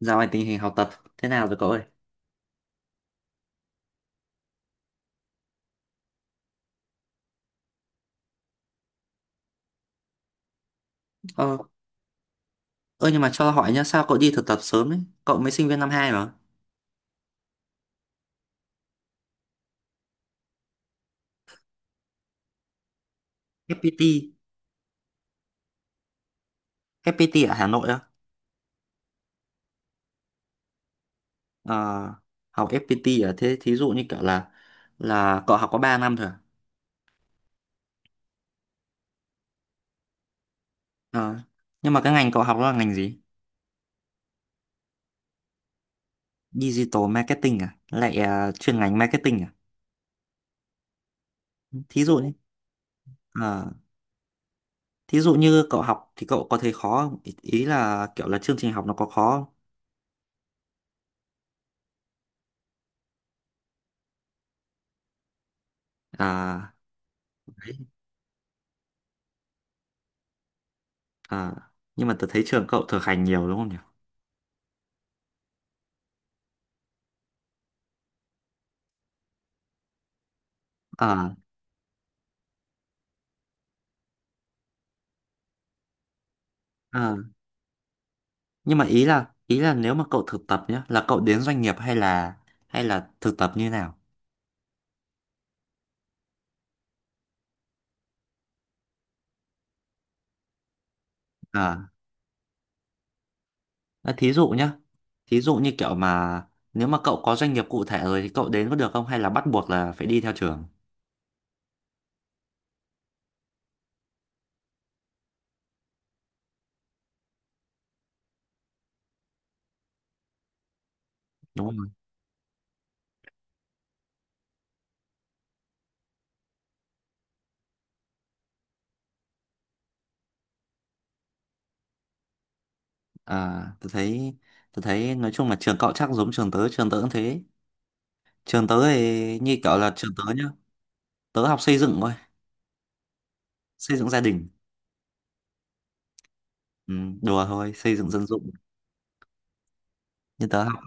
Dạo này tình hình học tập thế nào rồi cậu ơi? Ờ, ơ nhưng mà cho hỏi nhá, sao cậu đi thực tập sớm ấy? Cậu mới sinh viên năm hai mà. FPT, FPT ở Hà Nội á? Ờ, học FPT ở thế thí dụ như kiểu là cậu học có 3 năm thôi à? Ờ, nhưng mà cái ngành cậu học đó là ngành gì? Digital marketing à? Lại chuyên ngành marketing à? Thí dụ nhé. Ờ, thí dụ như cậu học thì cậu có thấy khó không? Ý ý là kiểu là chương trình học nó có khó không? À, à, nhưng mà tớ thấy trường cậu thực hành nhiều đúng không nhỉ? Ờ, ờ. Nhưng mà ý là nếu mà cậu thực tập nhá, là cậu đến doanh nghiệp hay là thực tập như nào? À, à, thí dụ nhá. Thí dụ như kiểu mà nếu mà cậu có doanh nghiệp cụ thể rồi thì cậu đến có được không hay là bắt buộc là phải đi theo trường? Đúng không? À, tôi thấy nói chung là trường cậu chắc giống trường tớ cũng thế. Trường tớ thì như kiểu là trường tớ nhá, tớ học xây dựng thôi, xây dựng gia đình. Ừ, đùa thôi, xây dựng dân dụng. Nhưng tớ học.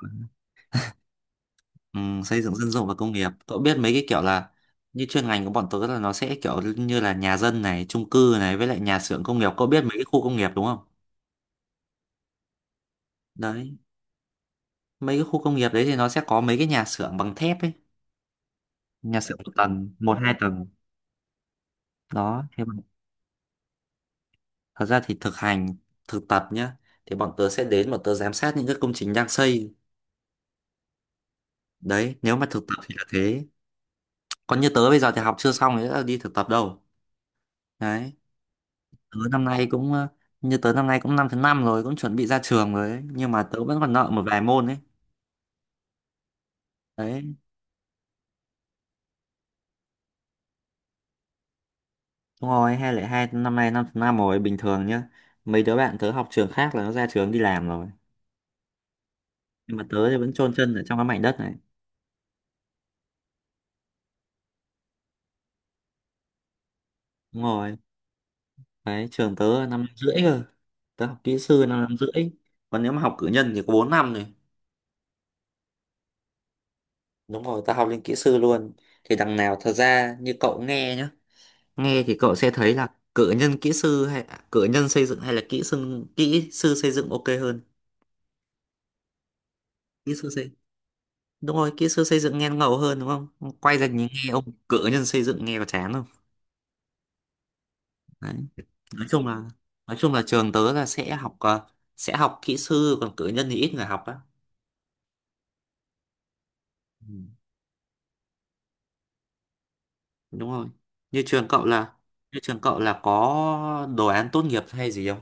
Ừ, xây dựng dân dụng và công nghiệp, cậu biết mấy cái kiểu là như chuyên ngành của bọn tớ là nó sẽ kiểu như là nhà dân này, chung cư này, với lại nhà xưởng công nghiệp, cậu biết mấy cái khu công nghiệp đúng không? Đấy, mấy cái khu công nghiệp đấy thì nó sẽ có mấy cái nhà xưởng bằng thép ấy, nhà xưởng một tầng, một hai tầng đó. Thế mà thật ra thì thực tập nhá thì bọn tớ sẽ đến, bọn tớ giám sát những cái công trình đang xây. Đấy, nếu mà thực tập thì là thế. Còn như tớ bây giờ thì học chưa xong thì đã đi thực tập đâu. Đấy, tớ năm nay cũng ờ, như tớ năm nay cũng năm thứ năm rồi, cũng chuẩn bị ra trường rồi ấy. Nhưng mà tớ vẫn còn nợ một vài môn ấy. Đấy, đúng rồi, 2022 năm nay năm thứ năm rồi bình thường nhá. Mấy đứa bạn tớ học trường khác là nó ra trường đi làm rồi, nhưng mà tớ thì vẫn chôn chân ở trong cái mảnh đất này. Đúng rồi. Đấy, trường tớ năm năm rưỡi cơ, tớ học kỹ sư năm năm rưỡi, còn nếu mà học cử nhân thì có 4 năm rồi. Đúng rồi, tớ học lên kỹ sư luôn. Thì đằng nào thật ra như cậu nghe nhá. Nghe thì cậu sẽ thấy là cử nhân xây dựng hay là kỹ sư xây dựng ok hơn. Kỹ sư xây Đúng rồi, kỹ sư xây dựng nghe nó ngầu hơn đúng không? Quay ra nhìn nghe ông cử nhân xây dựng nghe có chán không? Đấy. Nói chung là nói chung là trường tớ là sẽ học sẽ học kỹ sư, còn cử nhân thì ít người học á. Ừ, đúng rồi. Như trường cậu là như trường cậu là có đồ án tốt nghiệp hay gì không?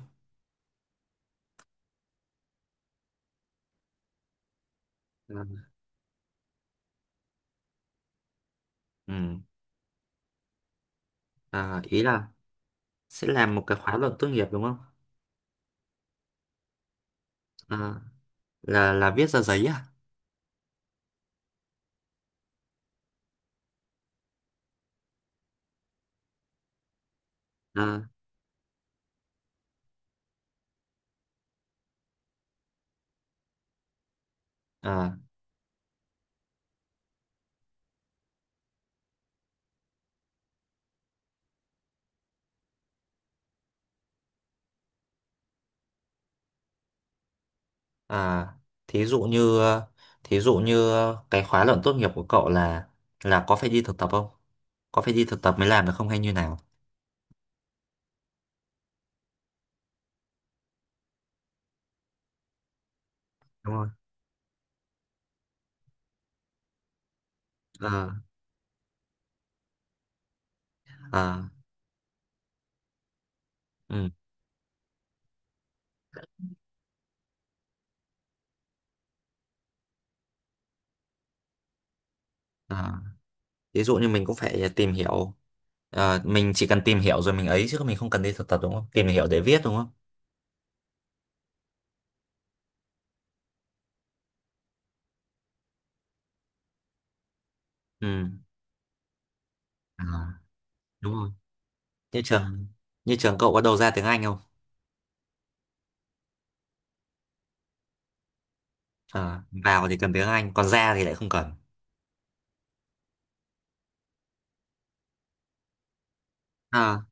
Ừ. Ừ. À, ý là sẽ làm một cái khóa luận tốt nghiệp đúng không? À, là viết ra giấy à? À. À, à, thí dụ như ờ, thí dụ như cái khóa luận tốt nghiệp của cậu là có phải đi thực tập không? Có phải đi thực tập mới làm được không hay như nào? Đúng rồi. Ờ, ờ, ừ, ờ. Thí dụ như mình cũng phải tìm hiểu. Ờ, mình chỉ cần tìm hiểu rồi mình ấy chứ mình không cần đi thực tập đúng không? Tìm hiểu để viết đúng không? Ừ. À, đúng rồi. Như trường như trường cậu có đầu ra tiếng Anh không? Ờ, vào thì cần tiếng Anh, còn ra thì lại không cần. À,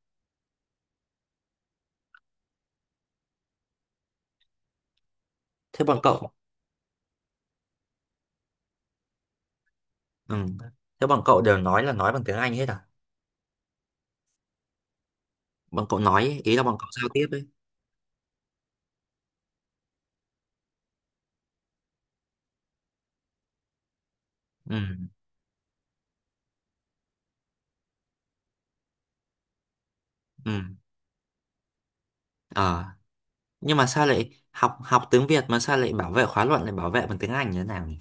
thế bọn cậu, ừ. Thế bọn cậu đều nói là nói bằng tiếng Anh hết à? Bọn cậu nói ấy, ý là bọn cậu giao tiếp ấy. Ừ, ừ, ờ, nhưng mà sao lại học học tiếng Việt mà sao lại bảo vệ khóa luận lại bảo vệ bằng tiếng Anh như thế nào nhỉ?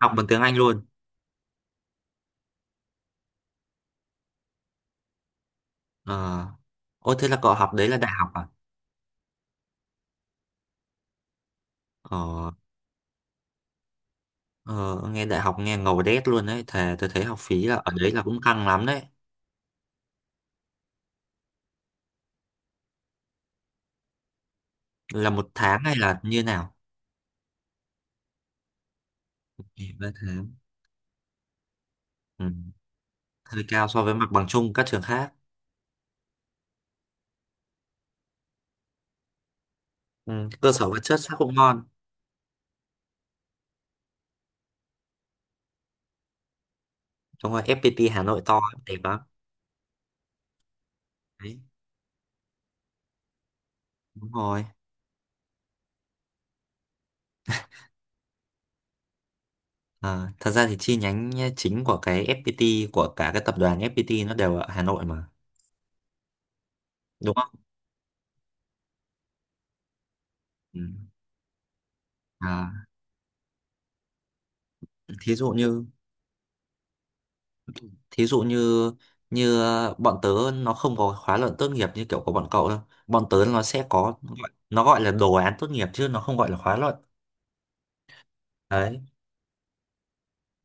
Học bằng tiếng Anh luôn? Ờ, ôi thế là cậu học đấy là đại học à? Ờ, ờ nghe đại học nghe ngầu đét luôn đấy, thề tôi thấy học phí là ở đấy là cũng căng lắm đấy. Là một tháng hay là như nào? Ừ, 3 tháng. Ừ, hơi cao so với mặt bằng chung các trường khác. Ừ, cơ sở vật chất chắc cũng ngon. Đúng rồi, FPT Hà Nội to đẹp lắm. Đấy. Đúng rồi. À, thật ra thì chi nhánh chính của cái FPT, của cả cái tập đoàn FPT, nó đều ở Hà Nội mà đúng không? Ừ. À, thí dụ như thí dụ như như bọn tớ, nó không có khóa luận tốt nghiệp như kiểu của bọn cậu đâu. Bọn tớ nó sẽ có, nó gọi là đồ án tốt nghiệp chứ nó không gọi là khóa luận. Đấy,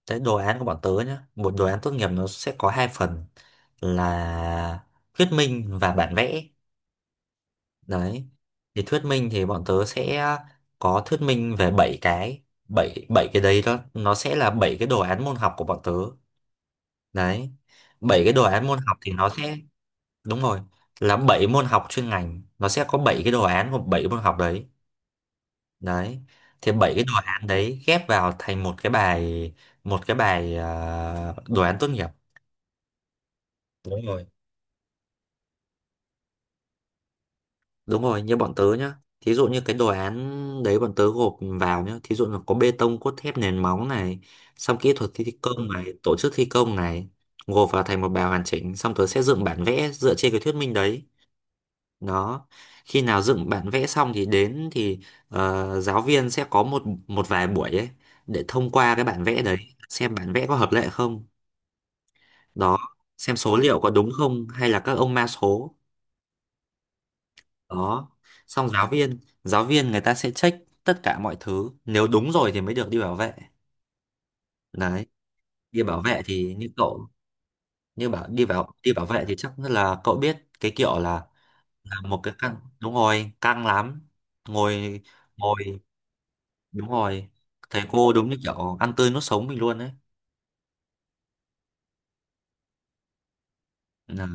cái đồ án của bọn tớ nhá, một đồ án tốt nghiệp nó sẽ có hai phần là thuyết minh và bản vẽ. Đấy. Thì thuyết minh thì bọn tớ sẽ có thuyết minh về 7 cái, 7 7 cái đấy đó, nó sẽ là 7 cái đồ án môn học của bọn tớ. Đấy. Bảy cái đồ án môn học thì nó sẽ đúng rồi, là 7 môn học chuyên ngành, nó sẽ có 7 cái đồ án của 7 môn học đấy. Đấy. Thì bảy cái đồ án đấy ghép vào thành một cái bài, à, đồ án tốt nghiệp. Đúng rồi. Đúng rồi, như bọn tớ nhá. Thí dụ như cái đồ án đấy bọn tớ gộp vào nhá. Thí dụ là có bê tông, cốt thép, nền móng này, xong kỹ thuật thi công này, tổ chức thi công này, gộp vào thành một bài hoàn chỉnh, xong tớ sẽ dựng bản vẽ dựa trên cái thuyết minh đấy. Đó. Khi nào dựng bản vẽ xong thì đến thì giáo viên sẽ có một một vài buổi ấy để thông qua cái bản vẽ đấy, xem bản vẽ có hợp lệ không. Đó, xem số liệu có đúng không hay là các ông ma số. Đó, xong giáo viên người ta sẽ check tất cả mọi thứ, nếu đúng rồi thì mới được đi bảo vệ. Đấy, đi bảo vệ thì như cậu, như bảo đi bảo đi bảo vệ thì chắc là cậu biết cái kiểu là một cái căng. Đúng rồi, căng lắm. Ngồi, ngồi, đúng rồi, thầy cô đúng như kiểu ăn tươi nuốt sống mình luôn đấy. Là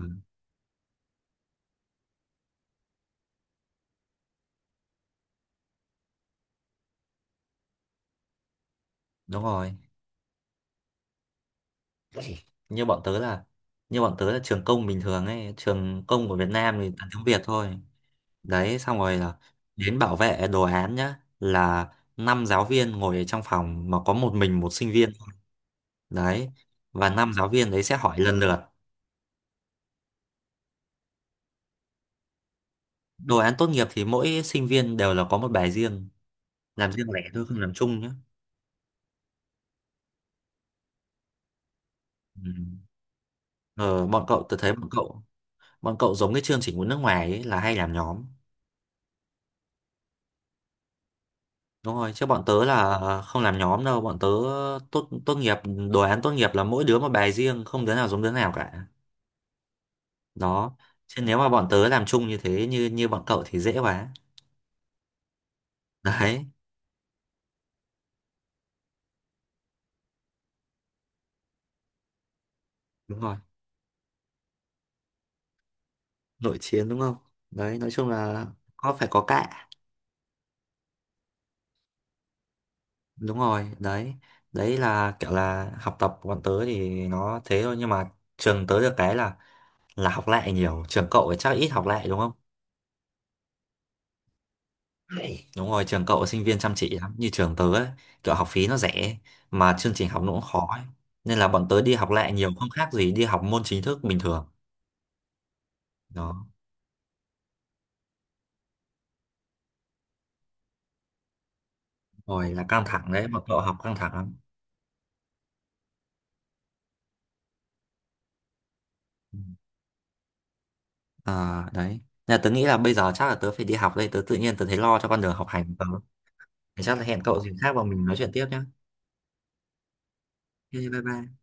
đúng rồi, như bọn tớ là như bọn tớ là trường công bình thường ấy, trường công của Việt Nam thì toàn tiếng Việt thôi. Đấy, xong rồi là đến bảo vệ đồ án nhá, là năm giáo viên ngồi ở trong phòng mà có một mình một sinh viên. Đấy, và năm giáo viên đấy sẽ hỏi lần lượt. Đồ án tốt nghiệp thì mỗi sinh viên đều là có một bài riêng, làm riêng lẻ thôi, không làm chung nhé. Ừ. Ờ, bọn cậu, bọn cậu giống cái chương trình của nước ngoài ấy, là hay làm nhóm. Đúng rồi. Chứ bọn tớ là không làm nhóm đâu. Bọn tớ tốt tốt nghiệp, đồ án tốt nghiệp là mỗi đứa một bài riêng, không đứa nào giống đứa nào cả. Đó. Chứ nếu mà bọn tớ làm chung như thế như như bọn cậu thì dễ quá. Đấy. Đúng rồi, nội chiến đúng không? Đấy, nói chung là có phải có cạ, đúng rồi. Đấy, đấy là kiểu là học tập của bọn tớ thì nó thế thôi, nhưng mà trường tớ được cái là học lại nhiều. Trường cậu thì chắc ít học lại đúng không? Đấy, đúng rồi, trường cậu sinh viên chăm chỉ lắm, như trường tớ ấy, kiểu học phí nó rẻ mà chương trình học nó cũng khó ấy. Nên là bọn tớ đi học lại nhiều, không khác gì đi học môn chính thức bình thường. Đó. Rồi là căng thẳng đấy, mà cậu học căng thẳng lắm. Ừ. À, đấy. Nên là tớ nghĩ là bây giờ chắc là tớ phải đi học đây, tớ tự nhiên tớ thấy lo cho con đường học hành của tớ. Thì chắc là hẹn cậu dịp khác và mình nói chuyện tiếp nhá. Ok, bye bye.